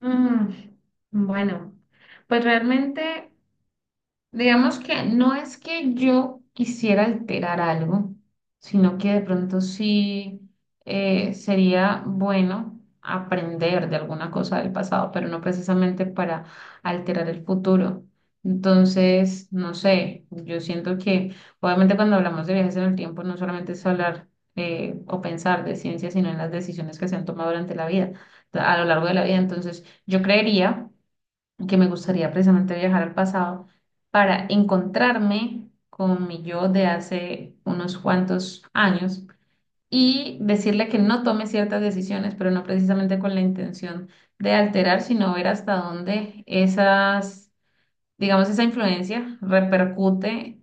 Mm, bueno, pues realmente. Digamos que no es que yo quisiera alterar algo, sino que de pronto sí sería bueno aprender de alguna cosa del pasado, pero no precisamente para alterar el futuro. Entonces, no sé, yo siento que obviamente cuando hablamos de viajes en el tiempo no solamente es hablar o pensar de ciencia, sino en las decisiones que se han tomado durante la vida, a lo largo de la vida. Entonces, yo creería que me gustaría precisamente viajar al pasado para encontrarme con mi yo de hace unos cuantos años y decirle que no tome ciertas decisiones, pero no precisamente con la intención de alterar, sino ver hasta dónde esas, digamos, esa influencia repercute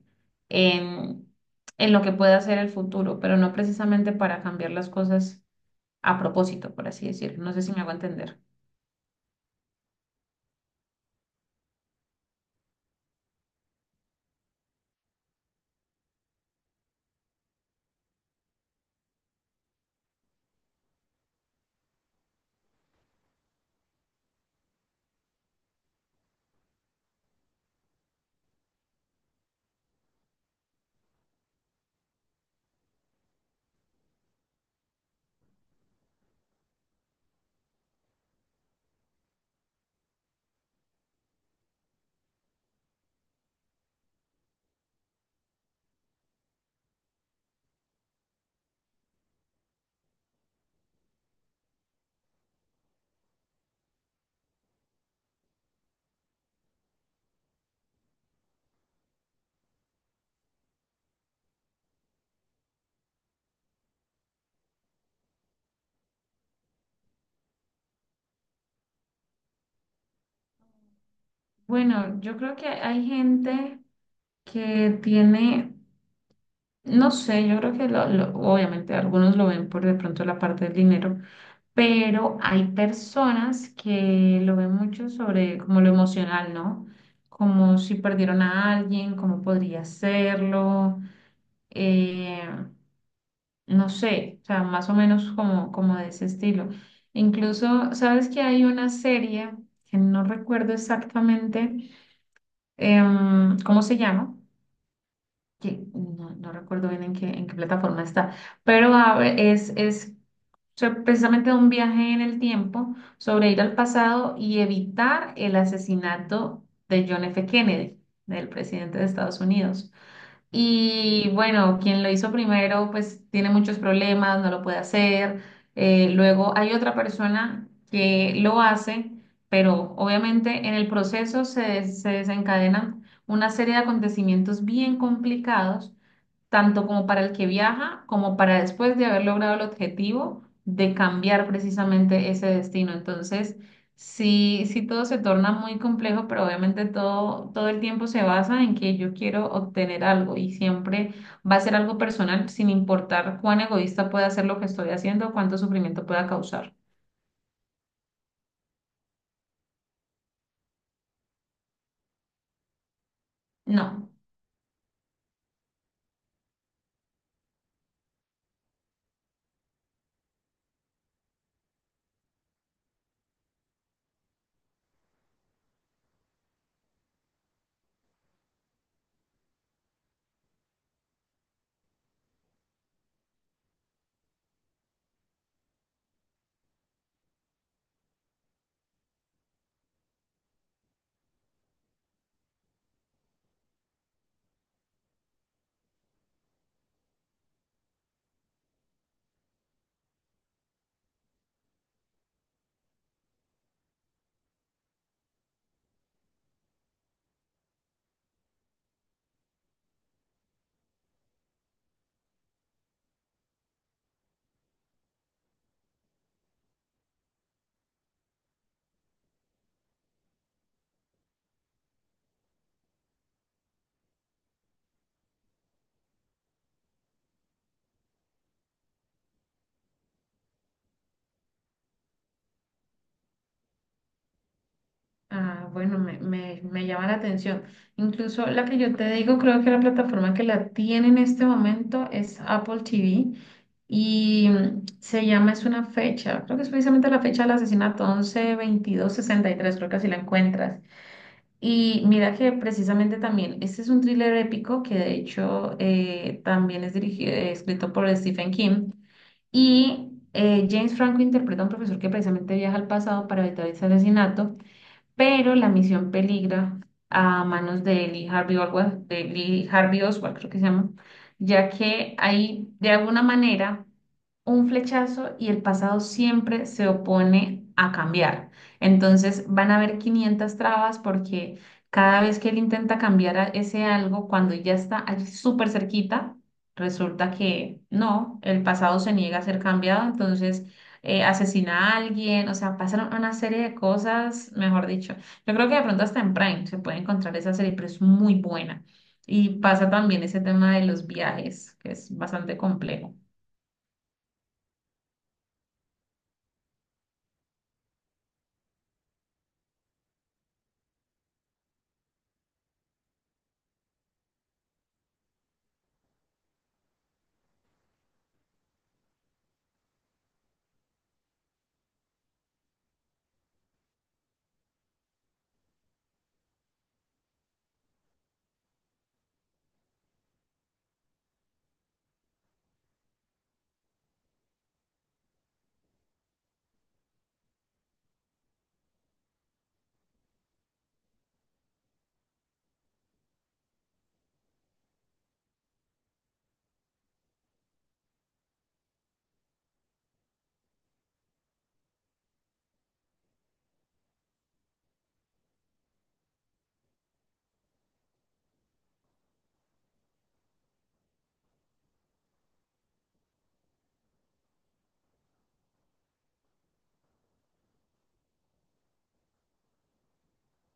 en, en lo que pueda ser el futuro, pero no precisamente para cambiar las cosas a propósito, por así decirlo. No sé si me hago entender. Bueno, yo creo que hay gente que tiene, no sé, yo creo que obviamente algunos lo ven por de pronto la parte del dinero, pero hay personas que lo ven mucho sobre como lo emocional, ¿no? Como si perdieron a alguien, cómo podría hacerlo, eh, no sé, o sea, más o menos como de ese estilo. Incluso, ¿sabes que hay una serie que no recuerdo exactamente cómo se llama? Que no recuerdo bien en qué plataforma está, pero a ver, es precisamente un viaje en el tiempo sobre ir al pasado y evitar el asesinato de John F. Kennedy, del presidente de Estados Unidos. Y bueno, quien lo hizo primero, pues tiene muchos problemas, no lo puede hacer. Luego hay otra persona que lo hace, pero obviamente en el proceso se desencadenan una serie de acontecimientos bien complicados tanto como para el que viaja, como para después de haber logrado el objetivo de cambiar precisamente ese destino. Entonces, sí, sí todo se torna muy complejo, pero obviamente todo el tiempo se basa en que yo quiero obtener algo y siempre va a ser algo personal, sin importar cuán egoísta pueda ser lo que estoy haciendo o cuánto sufrimiento pueda causar. No. Ah, bueno, me llama la atención. Incluso la que yo te digo, creo que la plataforma que la tiene en este momento es Apple TV y se llama, es una fecha, creo que es precisamente la fecha del asesinato 11/22/63. Creo que así la encuentras. Y mira que precisamente también, este es un thriller épico que de hecho también es dirigido, escrito por Stephen King y James Franco interpreta a un profesor que precisamente viaja al pasado para evitar ese asesinato, pero la misión peligra a manos de Lee Harvey Oswald, creo que se llama, ya que hay de alguna manera un flechazo y el pasado siempre se opone a cambiar. Entonces van a haber 500 trabas porque cada vez que él intenta cambiar ese algo, cuando ya está allí súper cerquita, resulta que no, el pasado se niega a ser cambiado, entonces asesina a alguien, o sea, pasan una serie de cosas, mejor dicho. Yo creo que de pronto hasta en Prime se puede encontrar esa serie, pero es muy buena. Y pasa también ese tema de los viajes, que es bastante complejo.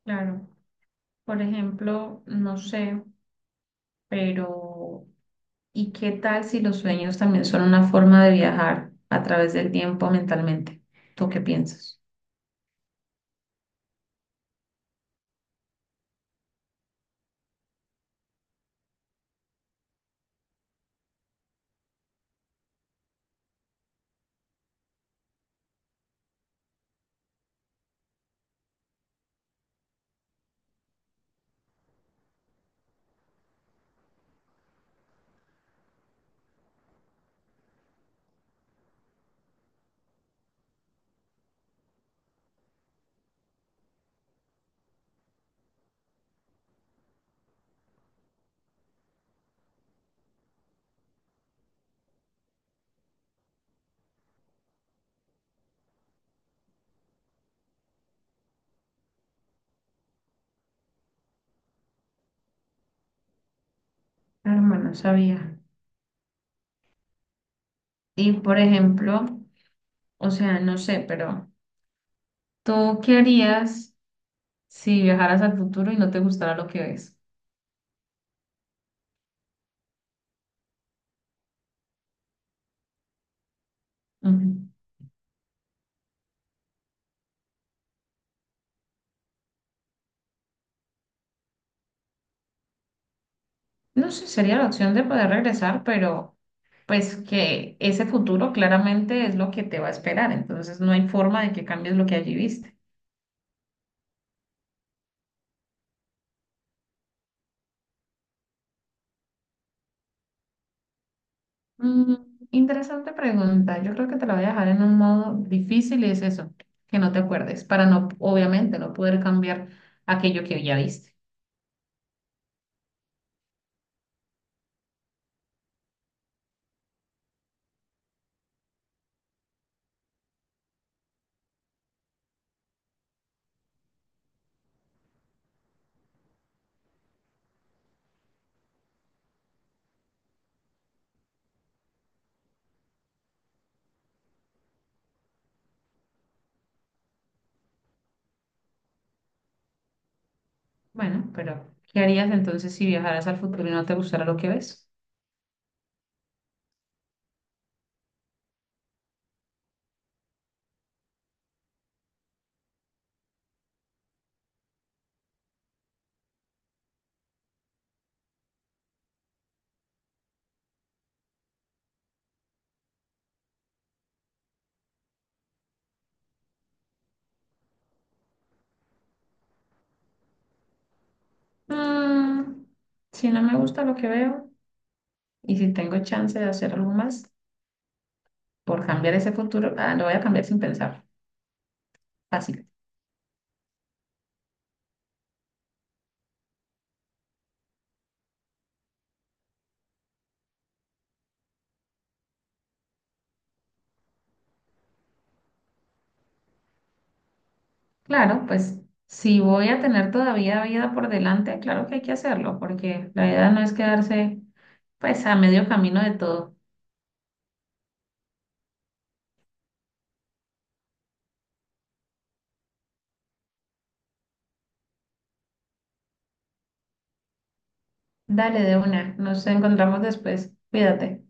Claro, por ejemplo, no sé, pero ¿y qué tal si los sueños también son una forma de viajar a través del tiempo mentalmente? ¿Tú qué piensas? Hermano, no sabía. Y por ejemplo, o sea, no sé, pero ¿tú qué harías si viajaras al futuro y no te gustara lo que ves? Ujú. No sé, sería la opción de poder regresar, pero pues que ese futuro claramente es lo que te va a esperar, entonces no hay forma de que cambies lo que allí viste. Mm, interesante pregunta, yo creo que te la voy a dejar en un modo difícil y es eso, que no te acuerdes, para no, obviamente, no poder cambiar aquello que ya viste. Bueno, pero ¿qué harías entonces si viajaras al futuro y no te gustara lo que ves? Mm, si no me gusta lo que veo. Y si tengo chance de hacer algo más por cambiar ese futuro, ah, lo voy a cambiar sin pensar. Fácil. Claro, pues si voy a tener todavía vida por delante, claro que hay que hacerlo, porque la vida no es quedarse pues a medio camino de todo. Dale de una, nos encontramos después. Cuídate.